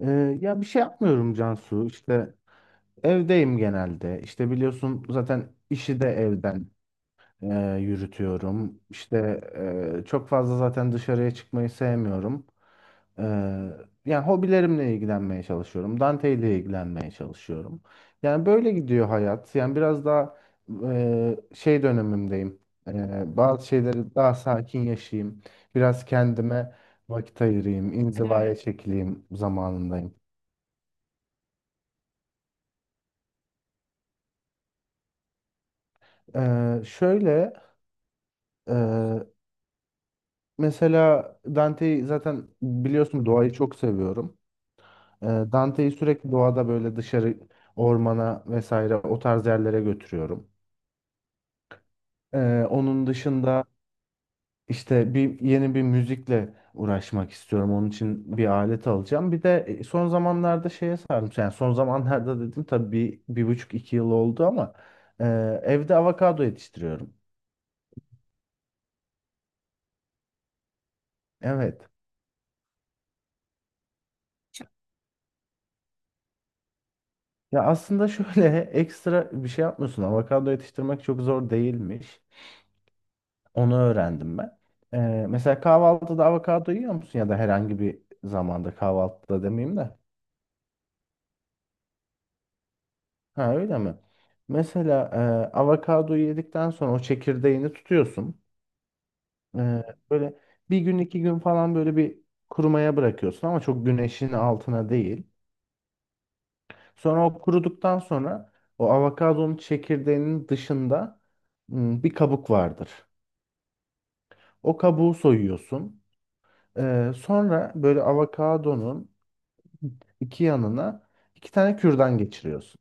Ya bir şey yapmıyorum Cansu. İşte evdeyim genelde. İşte biliyorsun zaten işi de evden yürütüyorum. İşte çok fazla zaten dışarıya çıkmayı sevmiyorum. Ee, Yani hobilerimle ilgilenmeye çalışıyorum. Dante ile ilgilenmeye çalışıyorum. Yani böyle gidiyor hayat. Yani biraz daha şey dönemimdeyim. Bazı şeyleri daha sakin yaşayayım. Biraz kendime vakit ayırayım. İnzivaya çekileyim zamanındayım. Şöyle e, mesela Dante'yi zaten biliyorsun, doğayı çok seviyorum. Dante'yi sürekli doğada böyle dışarı, ormana vesaire o tarz yerlere götürüyorum. Onun dışında işte yeni bir müzikle uğraşmak istiyorum. Onun için bir alet alacağım. Bir de son zamanlarda şeye sardım. Yani son zamanlarda dedim tabii bir buçuk iki yıl oldu ama e, evde avokado yetiştiriyorum. Evet. Ya aslında şöyle ekstra bir şey yapmıyorsun. Avokado yetiştirmek çok zor değilmiş. Onu öğrendim ben. Mesela kahvaltıda avokado yiyor musun? Ya da herhangi bir zamanda, kahvaltıda demeyeyim de. Ha, öyle mi? Mesela avokadoyu yedikten sonra o çekirdeğini tutuyorsun. Ee, Böyle bir gün iki gün falan böyle bir kurumaya bırakıyorsun ama çok güneşin altına değil. Sonra o kuruduktan sonra o avokadonun çekirdeğinin dışında bir kabuk vardır. O kabuğu soyuyorsun. Sonra böyle avokadonun iki yanına iki tane kürdan geçiriyorsun.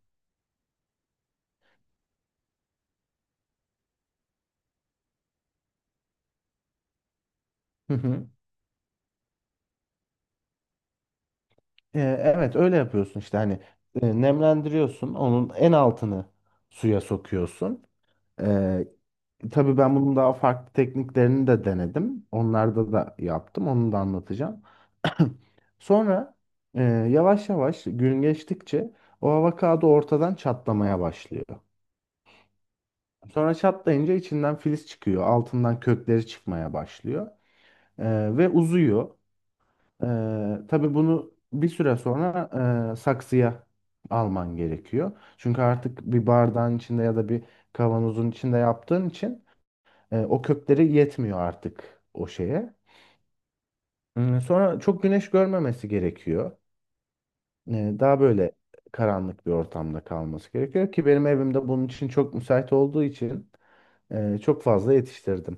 Hı hı. Evet, öyle yapıyorsun işte, hani nemlendiriyorsun. Onun en altını suya sokuyorsun. Ee, tabii ben bunun daha farklı tekniklerini de denedim. Onlarda da yaptım. Onu da anlatacağım. Sonra yavaş yavaş gün geçtikçe o avokado ortadan çatlamaya başlıyor. Sonra çatlayınca içinden filiz çıkıyor. Altından kökleri çıkmaya başlıyor. Ve uzuyor. Tabii bunu bir süre sonra saksıya alman gerekiyor. Çünkü artık bir bardağın içinde ya da bir kavanozun içinde yaptığın için o kökleri yetmiyor artık o şeye. Sonra çok güneş görmemesi gerekiyor. Daha böyle karanlık bir ortamda kalması gerekiyor ki benim evimde bunun için çok müsait olduğu için çok fazla yetiştirdim.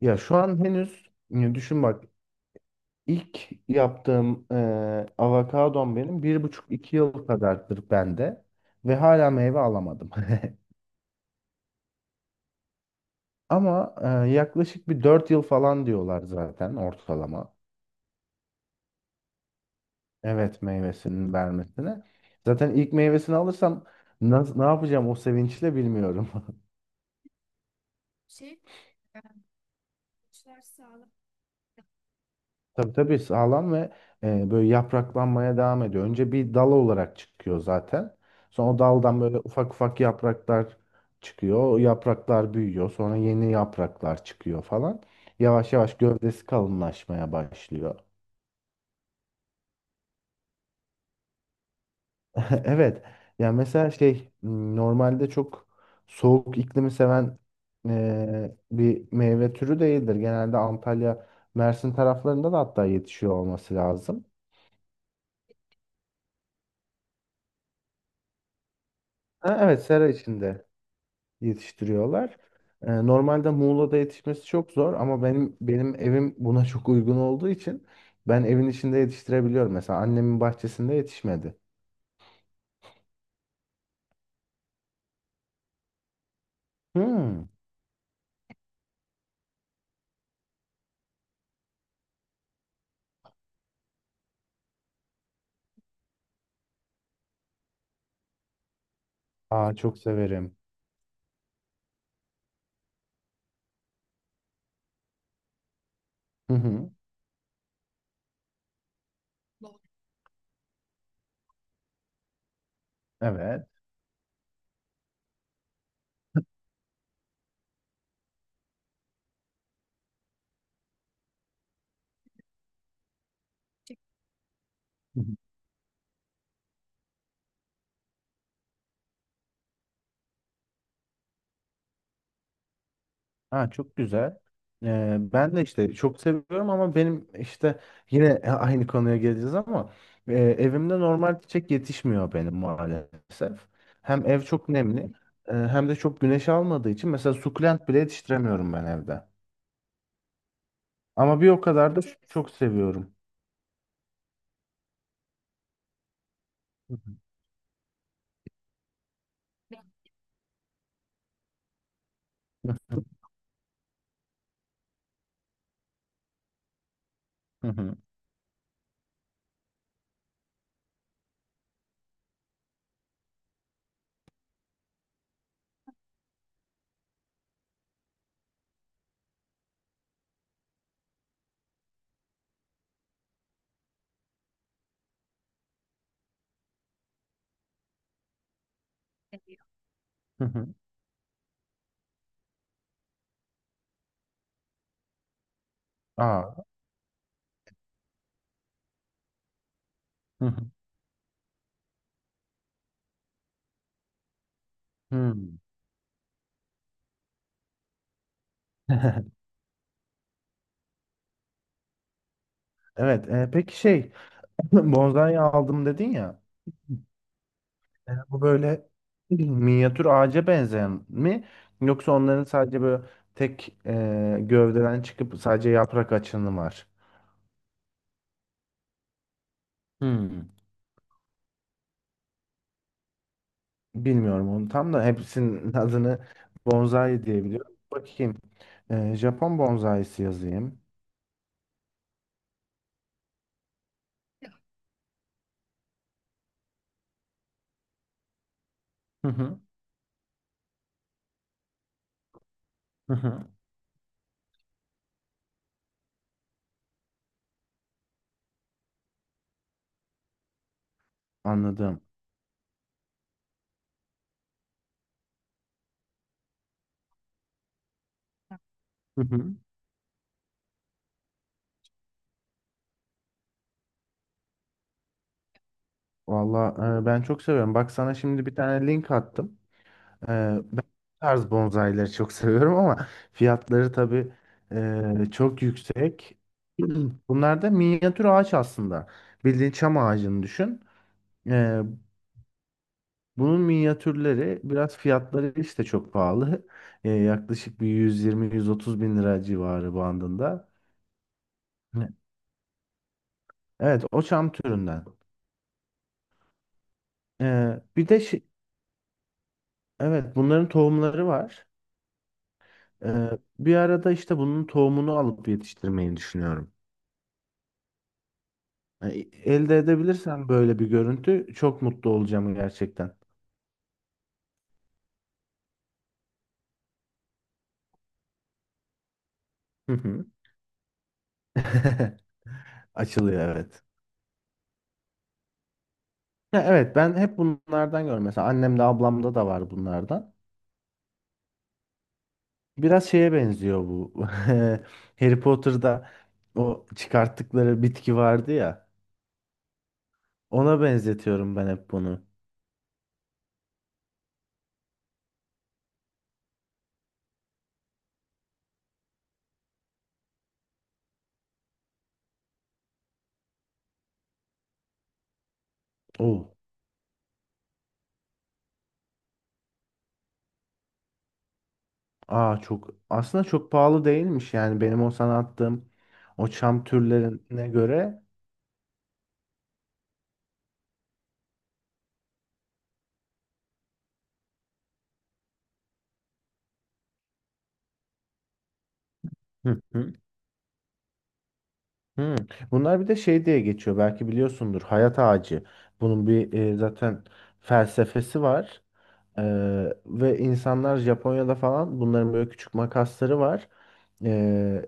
Ya şu an henüz düşün bak, ilk yaptığım avokadom benim bir buçuk iki yıl kadardır bende ve hala meyve alamadım. Ama yaklaşık bir 4 yıl falan diyorlar zaten ortalama. Evet, meyvesinin vermesine. Zaten ilk meyvesini alırsam ne yapacağım o sevinçle bilmiyorum. Tabii tabii, sağlam ve böyle yapraklanmaya devam ediyor. Önce bir dal olarak çıkıyor zaten. Sonra o daldan böyle ufak ufak yapraklar çıkıyor. O yapraklar büyüyor. Sonra yeni yapraklar çıkıyor falan. Yavaş yavaş gövdesi kalınlaşmaya başlıyor. Evet. Yani mesela şey normalde çok soğuk iklimi seven bir meyve türü değildir. Genelde Antalya, Mersin taraflarında da hatta yetişiyor olması lazım. Ha, evet, sera içinde yetiştiriyorlar. Normalde Muğla'da yetişmesi çok zor ama benim evim buna çok uygun olduğu için ben evin içinde yetiştirebiliyorum. Mesela annemin bahçesinde yetişmedi. Hmm. Aa, çok severim. Hı hı. Evet. Ha, çok güzel. Ben de işte çok seviyorum ama benim işte yine aynı konuya geleceğiz ama evimde normal çiçek yetişmiyor benim maalesef. Hem ev çok nemli, hem de çok güneş almadığı için mesela sukulent bile yetiştiremiyorum ben evde. Ama bir o kadar da çok seviyorum. Hı hı. Hı hı. Hı hı. Aa. Hı hı. Hı. Evet, peki şey bonsai aldım dedin ya. Bu böyle minyatür ağaca benzeyen mi? Yoksa onların sadece böyle tek gövdeden çıkıp sadece yaprak açanı var. Hmm. Bilmiyorum, onu tam da hepsinin adını bonsai diyebiliyorum. Bakayım. Japon bonsaisi yazayım. Hı hı. Hı hı. Anladım. Hı hı. Valla, ben çok seviyorum. Bak, sana şimdi bir tane link attım. Ee, Ben bu tarz bonsaileri çok seviyorum ama fiyatları tabii çok yüksek. Bunlar da minyatür ağaç aslında. Bildiğin çam ağacını düşün. Ee, Bunun minyatürleri biraz fiyatları işte çok pahalı. Yaklaşık bir 120-130 bin lira civarı bandında. Evet. Evet, o çam türünden. Bir de şey, evet bunların tohumları var. Ee, Bir arada işte bunun tohumunu alıp yetiştirmeyi düşünüyorum. Yani elde edebilirsen böyle bir görüntü, çok mutlu olacağım gerçekten. Hı hı. Açılıyor, evet. Ya evet, ben hep bunlardan görüyorum. Mesela annemde, ablamda da var bunlardan. Biraz şeye benziyor bu. Harry Potter'da o çıkarttıkları bitki vardı ya. Ona benzetiyorum ben hep bunu. Oo. Aa, çok aslında çok pahalı değilmiş yani, benim o sana attığım o çam türlerine göre. Hı. Hmm. Bunlar bir de şey diye geçiyor. Belki biliyorsundur. Hayat ağacı. Bunun bir zaten felsefesi var. Ve insanlar Japonya'da falan bunların böyle küçük makasları var. Ee,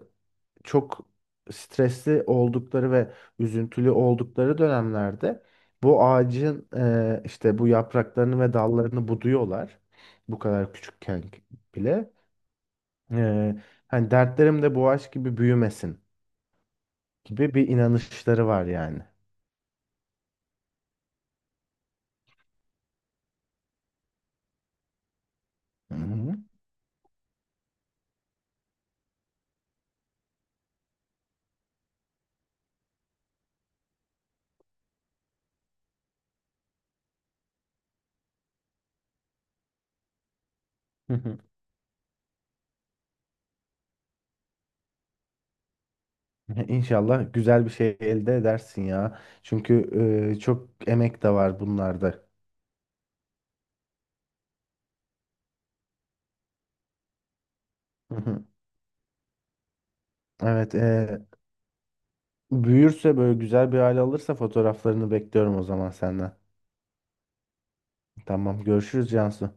Çok stresli oldukları ve üzüntülü oldukları dönemlerde bu ağacın işte bu yapraklarını ve dallarını buduyorlar. Bu kadar küçükken bile. Ee, Hani dertlerim de bu ağaç gibi büyümesin gibi bir inanışları var yani. Hı hı. Hı hı. İnşallah güzel bir şey elde edersin ya. Çünkü çok emek de var bunlarda. Hı hı. Evet, büyürse böyle güzel bir hale alırsa fotoğraflarını bekliyorum o zaman senden. Tamam, görüşürüz Cansu.